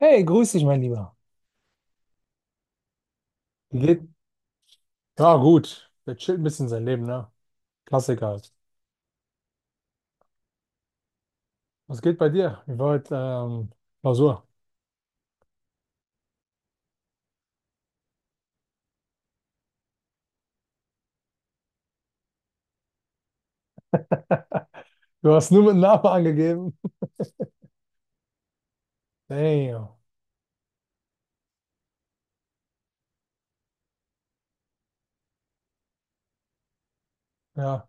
Hey, grüß dich, mein Lieber. Wie geht? Ja, gut. Der chillt ein bisschen sein Leben, ne? Klassiker halt. Was geht bei dir? Wie war heute Klausur? Du hast nur mit Namen angegeben. Damn. Ja,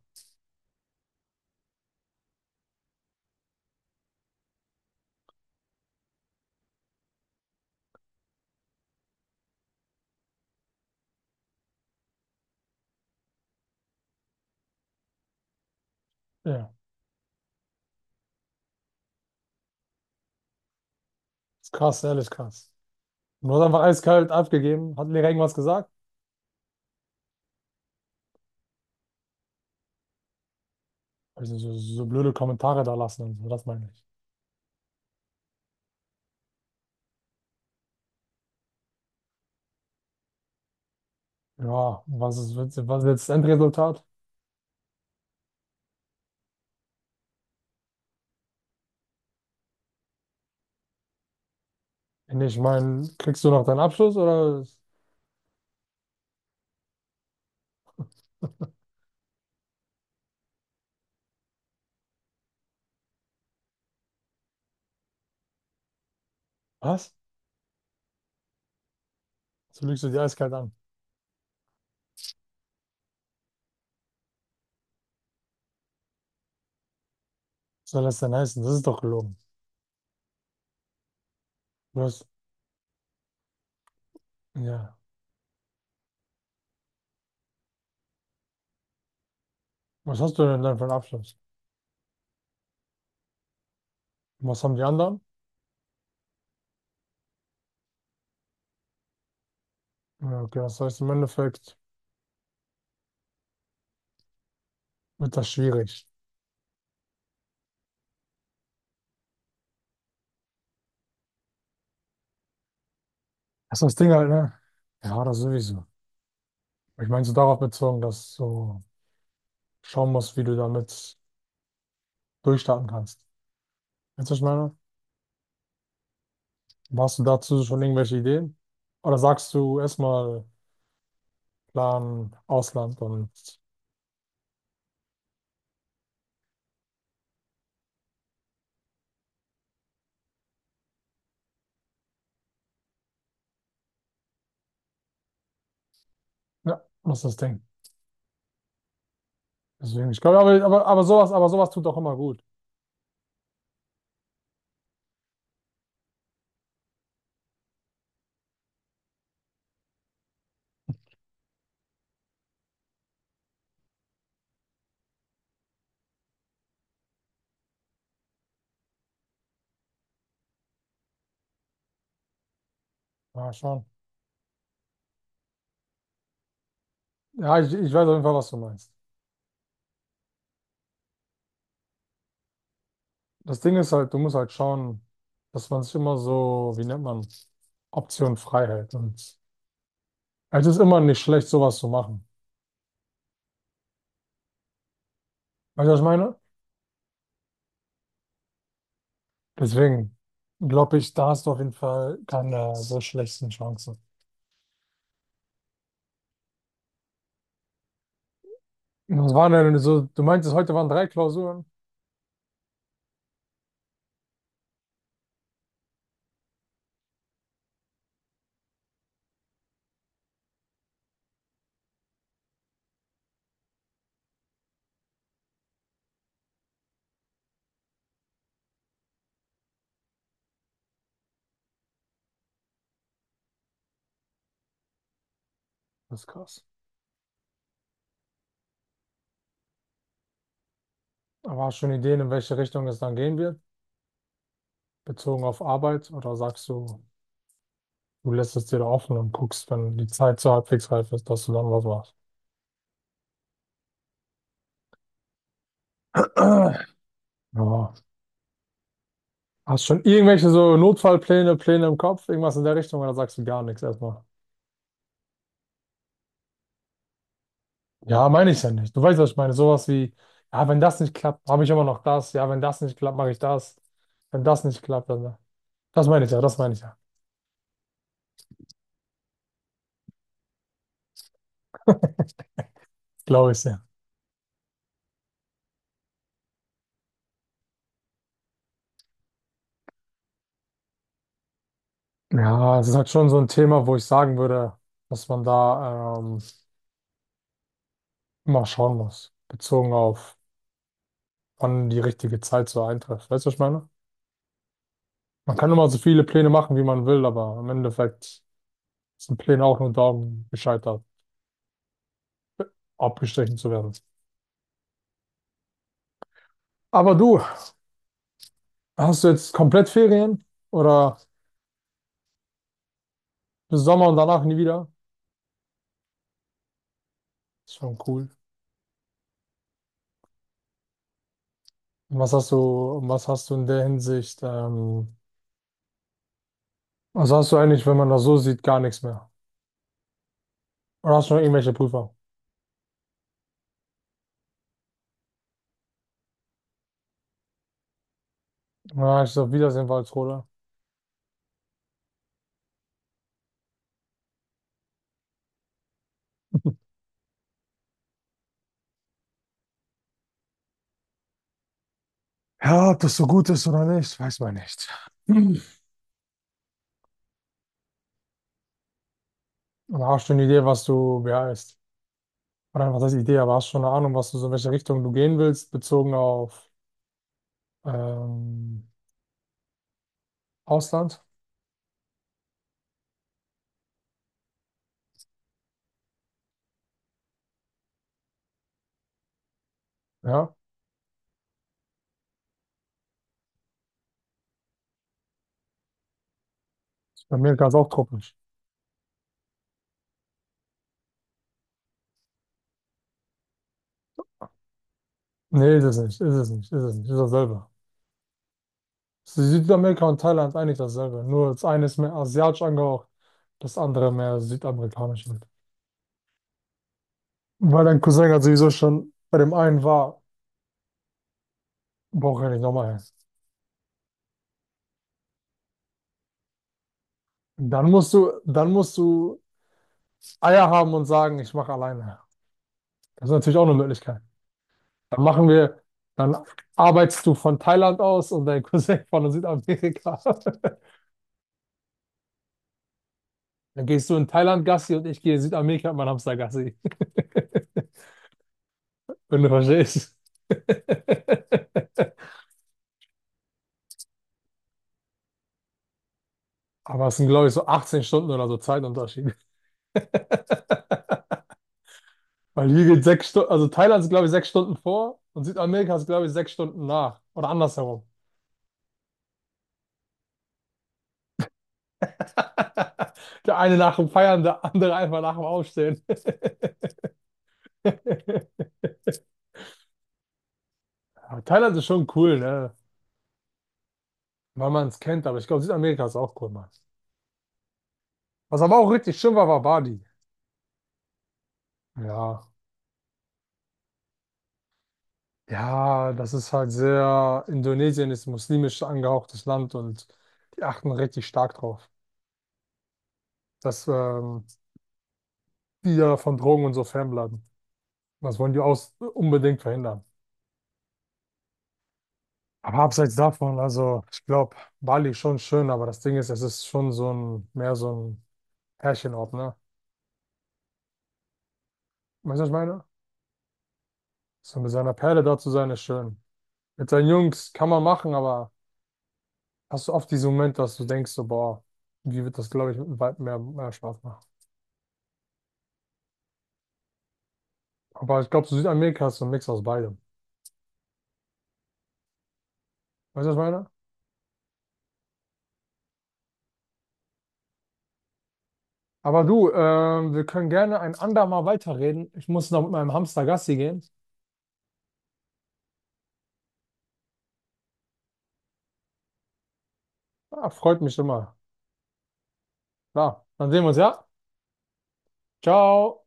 ja. Ist krass, ehrlich krass. Du hast einfach eiskalt abgegeben. Hat Lehrer irgendwas gesagt? Also so, so blöde Kommentare da lassen und so, das meine ich. Ja, was ist jetzt das Endresultat? Ich meine, kriegst du noch deinen Abschluss oder was? So lügst du die eiskalt an. Was soll das denn heißen? Das ist doch gelogen. Du hast, ja. Was hast du denn dann für einen Abschluss? Was haben die anderen? Ja, okay, das heißt, im Endeffekt wird das schwierig. Das ist das Ding halt, ne? Ja, das sowieso. Ich meine, so darauf bezogen, dass du schauen musst, wie du damit durchstarten kannst. Weißt du, was ich meine? Hast du dazu schon irgendwelche Ideen? Oder sagst du erstmal Plan Ausland und ja, was ist das Ding? Deswegen, ich glaube, aber sowas, aber sowas tut doch immer gut. Ja, schon. Ja, ich weiß auf jeden Fall, was du meinst. Das Ding ist halt, du musst halt schauen, dass man sich immer so, wie nennt man, Option frei hält. Und es ist immer nicht schlecht, sowas zu machen. Weißt du, was ich meine? Deswegen glaube ich, da hast du auf jeden Fall keine so schlechten Chancen. Und was waren denn so, du meintest, heute waren 3 Klausuren. Das ist krass. Aber hast du schon Ideen, in welche Richtung es dann gehen wird, bezogen auf Arbeit? Oder sagst du, du lässt es dir da offen und guckst, wenn die Zeit so halbwegs reif ist, dass du dann was machst? Ja. Hast schon irgendwelche so Notfallpläne, Pläne im Kopf, irgendwas in der Richtung oder sagst du gar nichts erstmal? Ja, meine ich ja nicht. Du weißt, was ich meine. Sowas wie, ja, wenn das nicht klappt, habe ich immer noch das. Ja, wenn das nicht klappt, mache ich das. Wenn das nicht klappt, dann. Das meine ich ja, das meine ich ja. Glaube ich ja. Ja, es ist halt schon so ein Thema, wo ich sagen würde, dass man da immer schauen muss, bezogen auf, wann die richtige Zeit so eintrifft. Weißt du, was ich meine? Man kann immer so viele Pläne machen, wie man will, aber im Endeffekt sind Pläne auch nur darum gescheitert. Abgestrichen zu werden. Aber du, hast du jetzt komplett Ferien oder bis Sommer und danach nie wieder? Ist schon cool. Und was hast du, was hast du in der Hinsicht? Was hast du eigentlich, wenn man das so sieht, gar nichts mehr? Oder hast du noch irgendwelche Prüfer? Na, ich sag Wiedersehen, Walsrode. Ja, ob das so gut ist oder nicht, weiß man nicht. Hm. Aber hast du eine Idee, was du beeilst? Oder was heißt Idee, aber hast du schon eine Ahnung, was du so in welche Richtung du gehen willst, bezogen auf ähm, Ausland? Ja, bei mir ganz auch Truppen. Nee, ist es nicht, ist es nicht, ist es nicht, ist dasselbe. Südamerika und Thailand ist eigentlich dasselbe, nur das eine ist mehr asiatisch angehaucht, das andere mehr südamerikanisch wird. Weil dein Cousin halt sowieso schon bei dem einen war, braucht er nicht nochmal hin. Dann musst du Eier haben und sagen, ich mache alleine. Das ist natürlich auch eine Möglichkeit. Dann machen wir, dann arbeitest du von Thailand aus und dein Cousin von Südamerika. Dann gehst du in Thailand Gassi und ich gehe in Südamerika mit meinem Hamster Gassi. Wenn du verstehst. Aber es sind, glaube ich, so 18 Stunden oder so Zeitunterschied. Weil hier geht 6 Stunden, also Thailand ist, glaube ich, 6 Stunden vor und Südamerika ist, glaube ich, 6 Stunden nach. Oder andersherum. Der eine nach dem Feiern, der andere einfach nach dem Aufstehen. Aber Thailand ist schon cool, ne? Weil man es kennt, aber ich glaube, Südamerika ist auch cool, Mann. Was aber auch richtig schön war, war Bali. Ja. Ja, das ist halt sehr, Indonesien ist muslimisch angehauchtes Land und die achten richtig stark drauf. Das, die ja von Drogen und so fernbleiben. Das wollen die aus unbedingt verhindern. Aber abseits davon, also ich glaube, Bali ist schon schön, aber das Ding ist, es ist schon so ein, mehr so ein Pärchenort, ne? Weißt du, was ich meine? So mit seiner Perle da zu sein, ist schön. Mit seinen Jungs kann man machen, aber hast du oft diesen Moment, dass du denkst, so, boah, wie wird das, glaube ich, mit dem Weib mehr Spaß machen? Aber ich glaube, so Südamerika ist so ein Mix aus beidem. Weißt du, was ich meine? Aber du, wir können gerne ein andermal weiterreden. Ich muss noch mit meinem Hamster Gassi gehen. Ah, freut mich immer. Klar, dann sehen wir uns, ja? Ciao.